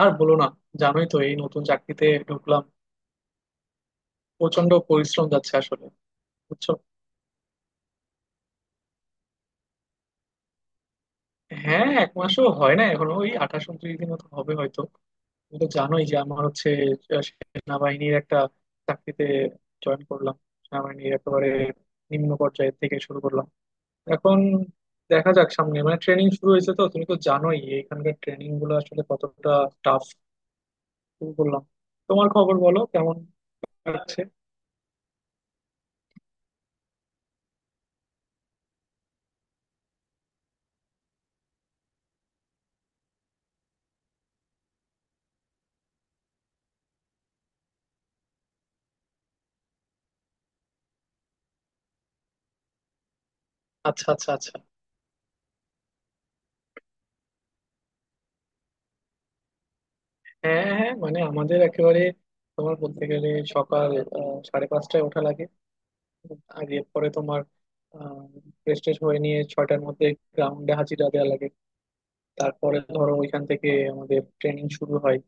আর বলো না। জানোই তো এই নতুন চাকরিতে ঢুকলাম। প্রচন্ড পরিশ্রম যাচ্ছে আসলে, বুঝছো। হ্যাঁ, এক মাসও হয় না, এখন ওই 28-29 দিন মতো হবে হয়তো। তুমি তো জানোই যে আমার হচ্ছে সেনাবাহিনীর একটা চাকরিতে জয়েন করলাম। সেনাবাহিনীর একেবারে নিম্ন পর্যায়ে থেকে শুরু করলাম। এখন দেখা যাক সামনে, মানে ট্রেনিং শুরু হয়েছে তো। তুমি তো জানোই এখানকার ট্রেনিং গুলো আসলে কতটা টাফ। শুরু করলাম। তোমার খবর বলো, কেমন যাচ্ছে? আচ্ছা আচ্ছা আচ্ছা। হ্যাঁ হ্যাঁ, মানে আমাদের একেবারে তোমার বলতে গেলে সকাল 5:30টায় ওঠা লাগে। আর এরপরে তোমার ফ্রেশ ট্রেশ হয়ে নিয়ে 6টার মধ্যে গ্রাউন্ডে হাজিরা দেওয়া লাগে। তারপরে ধরো ওইখান থেকে আমাদের ট্রেনিং শুরু হয়,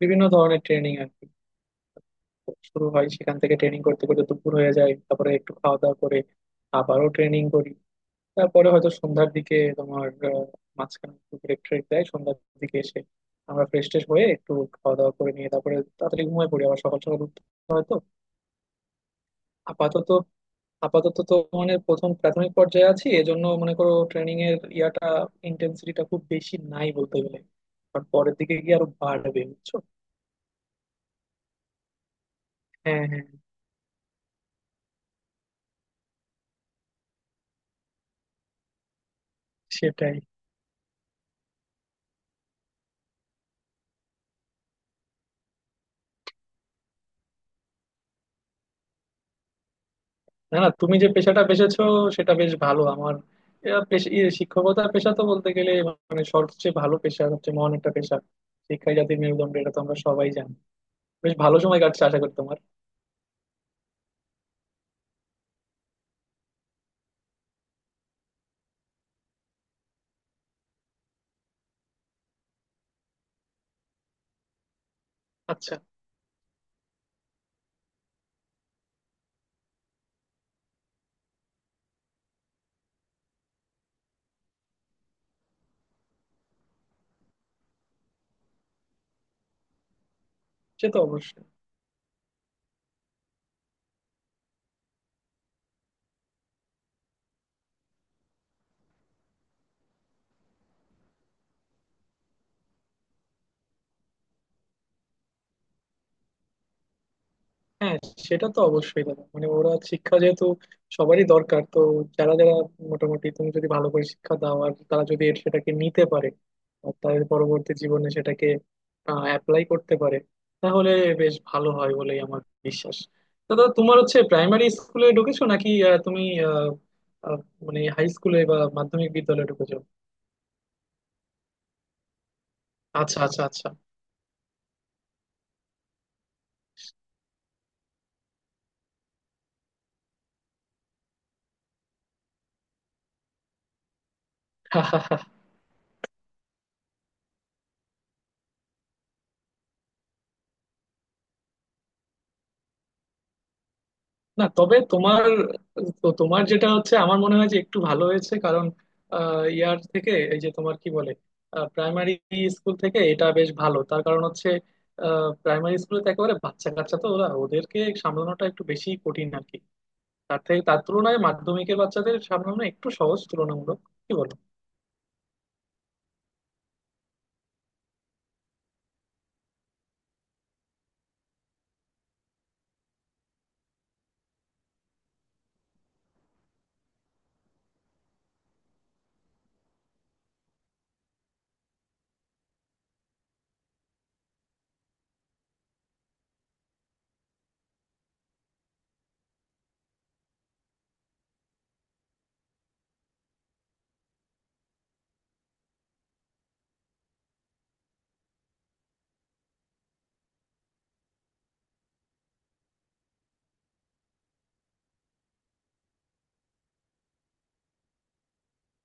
বিভিন্ন ধরনের ট্রেনিং আর কি। শুরু হয় সেখান থেকে, ট্রেনিং করতে করতে দুপুর হয়ে যায়, তারপরে একটু খাওয়া দাওয়া করে আবারও ট্রেনিং করি। তারপরে হয়তো সন্ধ্যার দিকে তোমার আহ, মাঝখানে একটু ব্রেক ট্রেক দেয়, সন্ধ্যার দিকে এসে আমরা ফ্রেশ ট্রেশ হয়ে একটু খাওয়া দাওয়া করে নিয়ে তারপরে তাড়াতাড়ি ঘুমিয়ে পড়ি, আবার সকাল সকাল উঠতে হয় তো। আপাতত আপাতত তো মানে প্রথম প্রাথমিক পর্যায়ে আছি, এজন্য মনে করো ট্রেনিং এর ইয়াটা ইন্টেন্সিটিটা খুব বেশি নাই বলতে গেলে। আর পরের দিকে গিয়ে আরো বাড়বে, বুঝছো। হ্যাঁ হ্যাঁ, সেটাই। না না, তুমি যে পেশাটা বেছেছো সেটা বেশ ভালো। আমার এরা শিক্ষকতা পেশা তো বলতে গেলে মানে সবচেয়ে ভালো পেশা, সবচেয়ে মহান একটা পেশা। শিক্ষাই জাতির মেরুদণ্ড, এটা তো আমরা সবাই জানি। বেশ ভালো সময় কাটছে আশা করি তোমার। আচ্ছা। সে তো অবশ্যই। হ্যাঁ, সেটা তো অবশ্যই দাদা, মানে ওরা শিক্ষা যেহেতু সবারই দরকার তো। যারা যারা মোটামুটি, তুমি যদি ভালো করে শিক্ষা দাও আর তারা যদি এর সেটাকে নিতে পারে আর তাদের পরবর্তী জীবনে সেটাকে অ্যাপ্লাই করতে পারে, তাহলে বেশ ভালো হয় বলেই আমার বিশ্বাস। তো দাদা তোমার হচ্ছে প্রাইমারি স্কুলে ঢুকেছো নাকি, তুমি আহ, আহ, মানে হাই স্কুলে বা মাধ্যমিক বিদ্যালয়ে ঢুকেছো? আচ্ছা আচ্ছা আচ্ছা। না তবে তোমার তো তোমার যেটা হচ্ছে আমার মনে হয় যে একটু ভালো হয়েছে, কারণ ইয়ার থেকে এই যে তোমার কি বলে প্রাইমারি স্কুল থেকে, এটা বেশ ভালো। তার কারণ হচ্ছে প্রাইমারি স্কুলে তো একেবারে বাচ্চা কাচ্চা তো, ওরা ওদেরকে সামলানোটা একটু বেশি কঠিন আর কি। তার তুলনায় মাধ্যমিকের বাচ্চাদের সামলানো একটু সহজ তুলনামূলক, কি বলো।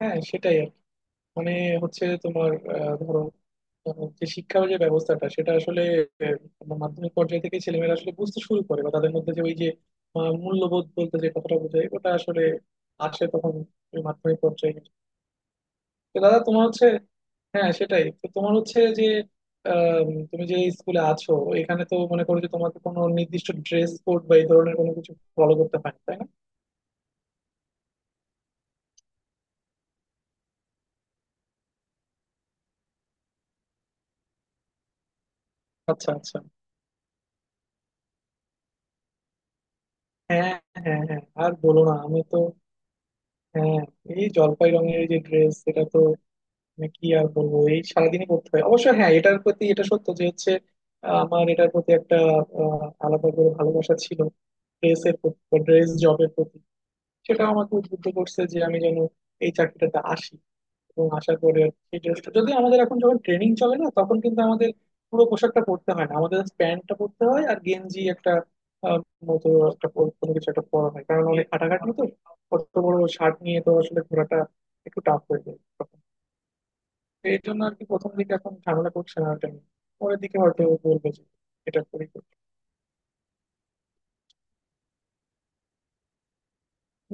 হ্যাঁ, সেটাই আর কি। মানে হচ্ছে তোমার ধরো যে শিক্ষার যে ব্যবস্থাটা সেটা আসলে তোমার মাধ্যমিক পর্যায়ে থেকে ছেলেমেয়েরা আসলে বুঝতে শুরু করে, বা তাদের মধ্যে যে ওই যে মূল্যবোধ বলতে যে কথাটা বোঝায় ওটা আসলে আসে তখন, ওই মাধ্যমিক পর্যায়ে। তো দাদা তোমার হচ্ছে, হ্যাঁ সেটাই তো তোমার হচ্ছে যে তুমি যে স্কুলে আছো এখানে তো মনে করো যে তোমাকে কোনো নির্দিষ্ট ড্রেস কোড বা এই ধরনের কোনো কিছু ফলো করতে হয় না, তাই না? আচ্ছা আচ্ছা। হ্যাঁ হ্যাঁ হ্যাঁ, আর বলো না, আমি তো হ্যাঁ, এই জলপাই রঙের এই যে ড্রেস সেটা তো মানে কি আর বলবো, এই সারাদিনই পড়তে হয় অবশ্য। হ্যাঁ, এটার প্রতি এটা সত্য যে হচ্ছে আমার এটার প্রতি একটা আলাদা করে ভালোবাসা ছিল, ড্রেসের প্রতি, ড্রেস জবের প্রতি। সেটা আমাকে উদ্বুদ্ধ করছে যে আমি যেন এই চাকরিটাতে আসি, এবং আসার পরে সেই ড্রেসটা যদি আমাদের এখন যখন ট্রেনিং চলে না তখন কিন্তু আমাদের পুরো পোশাকটা পরতে হয় না, আমাদের প্যান্টটা পরতে হয় আর গেঞ্জি একটা আহ, মতো একটা কোনো কিছু একটা পরা হয়, কারণ অনেক হাঁটাঘাটি তো, অত বড় শার্ট নিয়ে তো আসলে ঘোরাটা একটু টাফ হয়ে যায় তখন। তো এই জন্য আর কি, প্রথম দিকে এখন ঝামেলা করছে না এটা নিয়ে। পরের দিকে হয়তো বলবে যে এটা করি করি।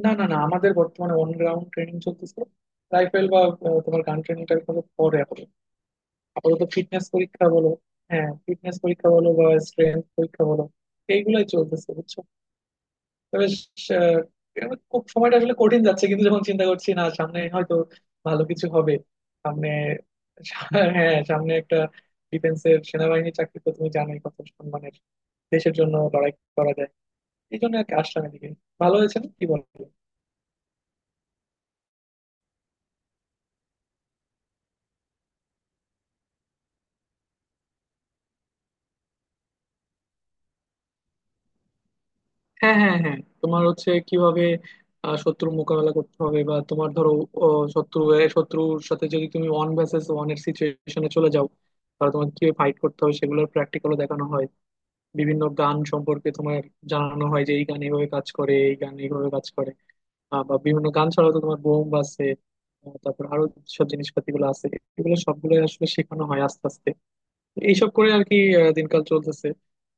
না না না, আমাদের বর্তমানে অন গ্রাউন্ড ট্রেনিং চলতেছে। রাইফেল বা তোমার গান ট্রেনিংটা হলো পরে, আপাতত আপাতত ফিটনেস পরীক্ষা বলো, হ্যাঁ ফিটনেস পরীক্ষা বলো বা স্ট্রেংথ পরীক্ষা বলো, এইগুলাই চলতেছে, বুঝছো। তো বেশ আহ, এবার খুব সময়টা আসলে কঠিন যাচ্ছে, কিন্তু যখন চিন্তা করছি না সামনে হয়তো ভালো কিছু হবে সামনে। আর হ্যাঁ, সামনে একটা ডিফেন্সের সেনাবাহিনী চাকরি, তো তুমি জানোই কত সম্মানের, দেশের জন্য লড়াই করা যায়, এই জন্য আর কি আসলাম এদিকে। ভালো হয়েছে না, কি বলো। হ্যাঁ হ্যাঁ হ্যাঁ, তোমার হচ্ছে কিভাবে শত্রুর মোকাবেলা করতে হবে, বা তোমার ধরো ও, শত্রুর সাথে যদি তুমি ওয়ান ভার্সেস ওয়ান এর সিচুয়েশনে চলে যাও, তাহলে তোমাকে কিভাবে ফাইট করতে হবে সেগুলোর প্র্যাকটিক্যালও দেখানো হয়। বিভিন্ন গান সম্পর্কে তোমার জানানো হয় যে এই গান এইভাবে কাজ করে, এই গান এইভাবে কাজ করে। বা বিভিন্ন গান ছাড়াও তো তোমার বোম আছে, তারপর আরো সব জিনিসপাতি গুলো আছে, এগুলো সবগুলো আসলে শেখানো হয় আস্তে আস্তে। এইসব করে আর কি দিনকাল চলতেছে।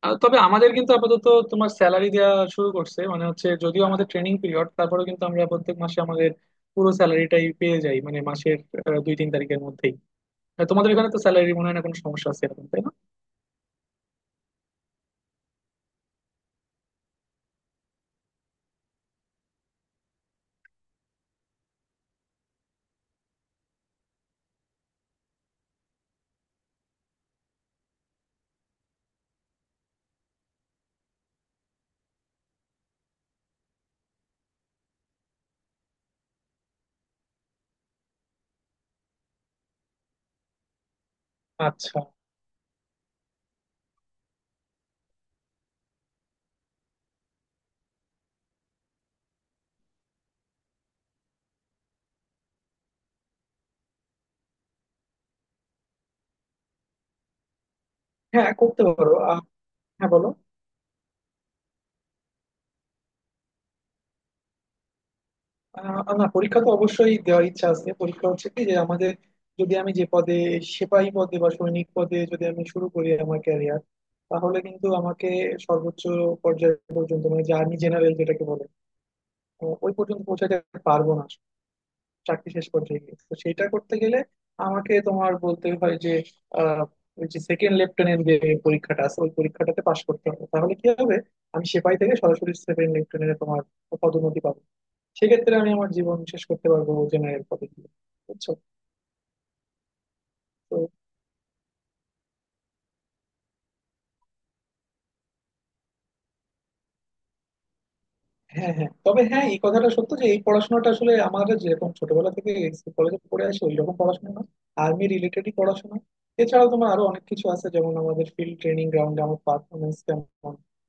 তবে আমাদের কিন্তু আপাতত তোমার স্যালারি দেওয়া শুরু করছে, মানে হচ্ছে যদিও আমাদের ট্রেনিং পিরিয়ড তারপরেও কিন্তু আমরা প্রত্যেক মাসে আমাদের পুরো স্যালারিটাই পেয়ে যাই, মানে মাসের 2-3 তারিখের মধ্যেই। তোমাদের এখানে তো স্যালারি মনে হয় না কোনো সমস্যা আছে এরকম, তাই না? আচ্ছা। হ্যাঁ, করতে পারো হ্যাঁ বলো। আহ না, পরীক্ষা তো অবশ্যই দেওয়ার ইচ্ছা আছে। পরীক্ষা হচ্ছে কি, যে আমাদের যদি আমি যে পদে সেপাহী পদে বা সৈনিক পদে যদি আমি শুরু করি আমার ক্যারিয়ার, তাহলে কিন্তু আমাকে সর্বোচ্চ পর্যায় পর্যন্ত মানে যে আর্মি জেনারেল যেটাকে বলে ওই পর্যন্ত পৌঁছাতে পারবো না। চাকরি শেষ পর্যায়ে গিয়ে তো সেটা করতে গেলে আমাকে তোমার বলতে হয় যে আহ ওই যে সেকেন্ড লেফটেন্যান্ট যে পরীক্ষাটা আছে, ওই পরীক্ষাটাতে পাশ করতে হবে, তাহলে কি হবে, আমি সেপাহী থেকে সরাসরি সেকেন্ড লেফটেন্যান্টে তোমার পদোন্নতি পাবো। সেক্ষেত্রে আমি আমার জীবন শেষ করতে পারবো জেনারেল কলেজ দিয়ে, বুঝছো তো। হ্যাঁ হ্যাঁ, তবে হ্যাঁ, এই কথাটা সত্য যে এই পড়াশোনাটা আসলে আমাদের যেরকম ছোটবেলা থেকে কলেজে পড়ে আসে ওই রকম পড়াশোনা না, আর্মি রিলেটেডই পড়াশোনা। এছাড়াও তোমার আরো অনেক কিছু আছে, যেমন আমাদের ফিল্ড ট্রেনিং গ্রাউন্ডে আমার পারফরমেন্স কেমন,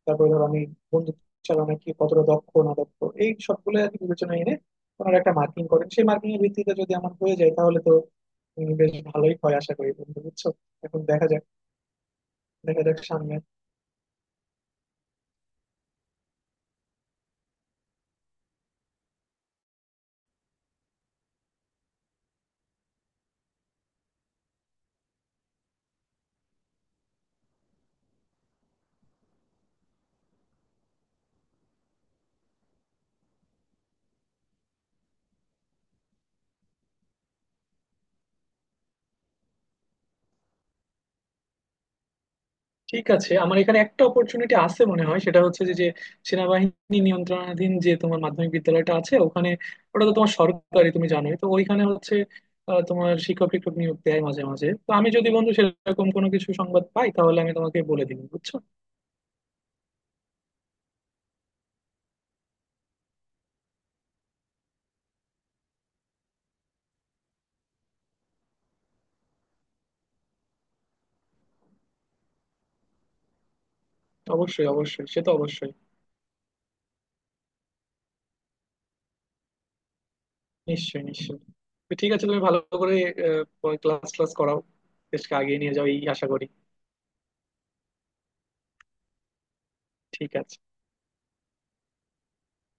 তারপরে ধর আমি বন্দুক চালানোয় কি কতটা দক্ষ না দক্ষ, এই সবগুলো আর কি বিবেচনায় এনে ওনারা একটা মার্কিং করেন, সেই মার্কিং এর ভিত্তিতে যদি আমার হয়ে যায় তাহলে তো বেশ ভালোই হয়, আশা করি বন্ধু, বুঝছো। এখন দেখা যাক, সামনে। ঠিক আছে, আমার এখানে একটা অপরচুনিটি আছে মনে হয়, সেটা হচ্ছে যে যে সেনাবাহিনী নিয়ন্ত্রণাধীন যে তোমার মাধ্যমিক বিদ্যালয়টা আছে ওখানে, ওটা তো তোমার সরকারি, তুমি জানোই তো, ওইখানে হচ্ছে তোমার শিক্ষক টিক্ষক নিয়োগ দেয় মাঝে মাঝে, তো আমি যদি বন্ধু সেরকম কোনো কিছু সংবাদ পাই তাহলে আমি তোমাকে বলে দিব, বুঝছো। অবশ্যই অবশ্যই, সে তো অবশ্যই। নিশ্চয়ই নিশ্চয়ই। তো ঠিক আছে, তুমি ভালো করে ক্লাস ক্লাস করাও, দেশকে আগিয়ে নিয়ে যাও, এই আশা করি। ঠিক আছে।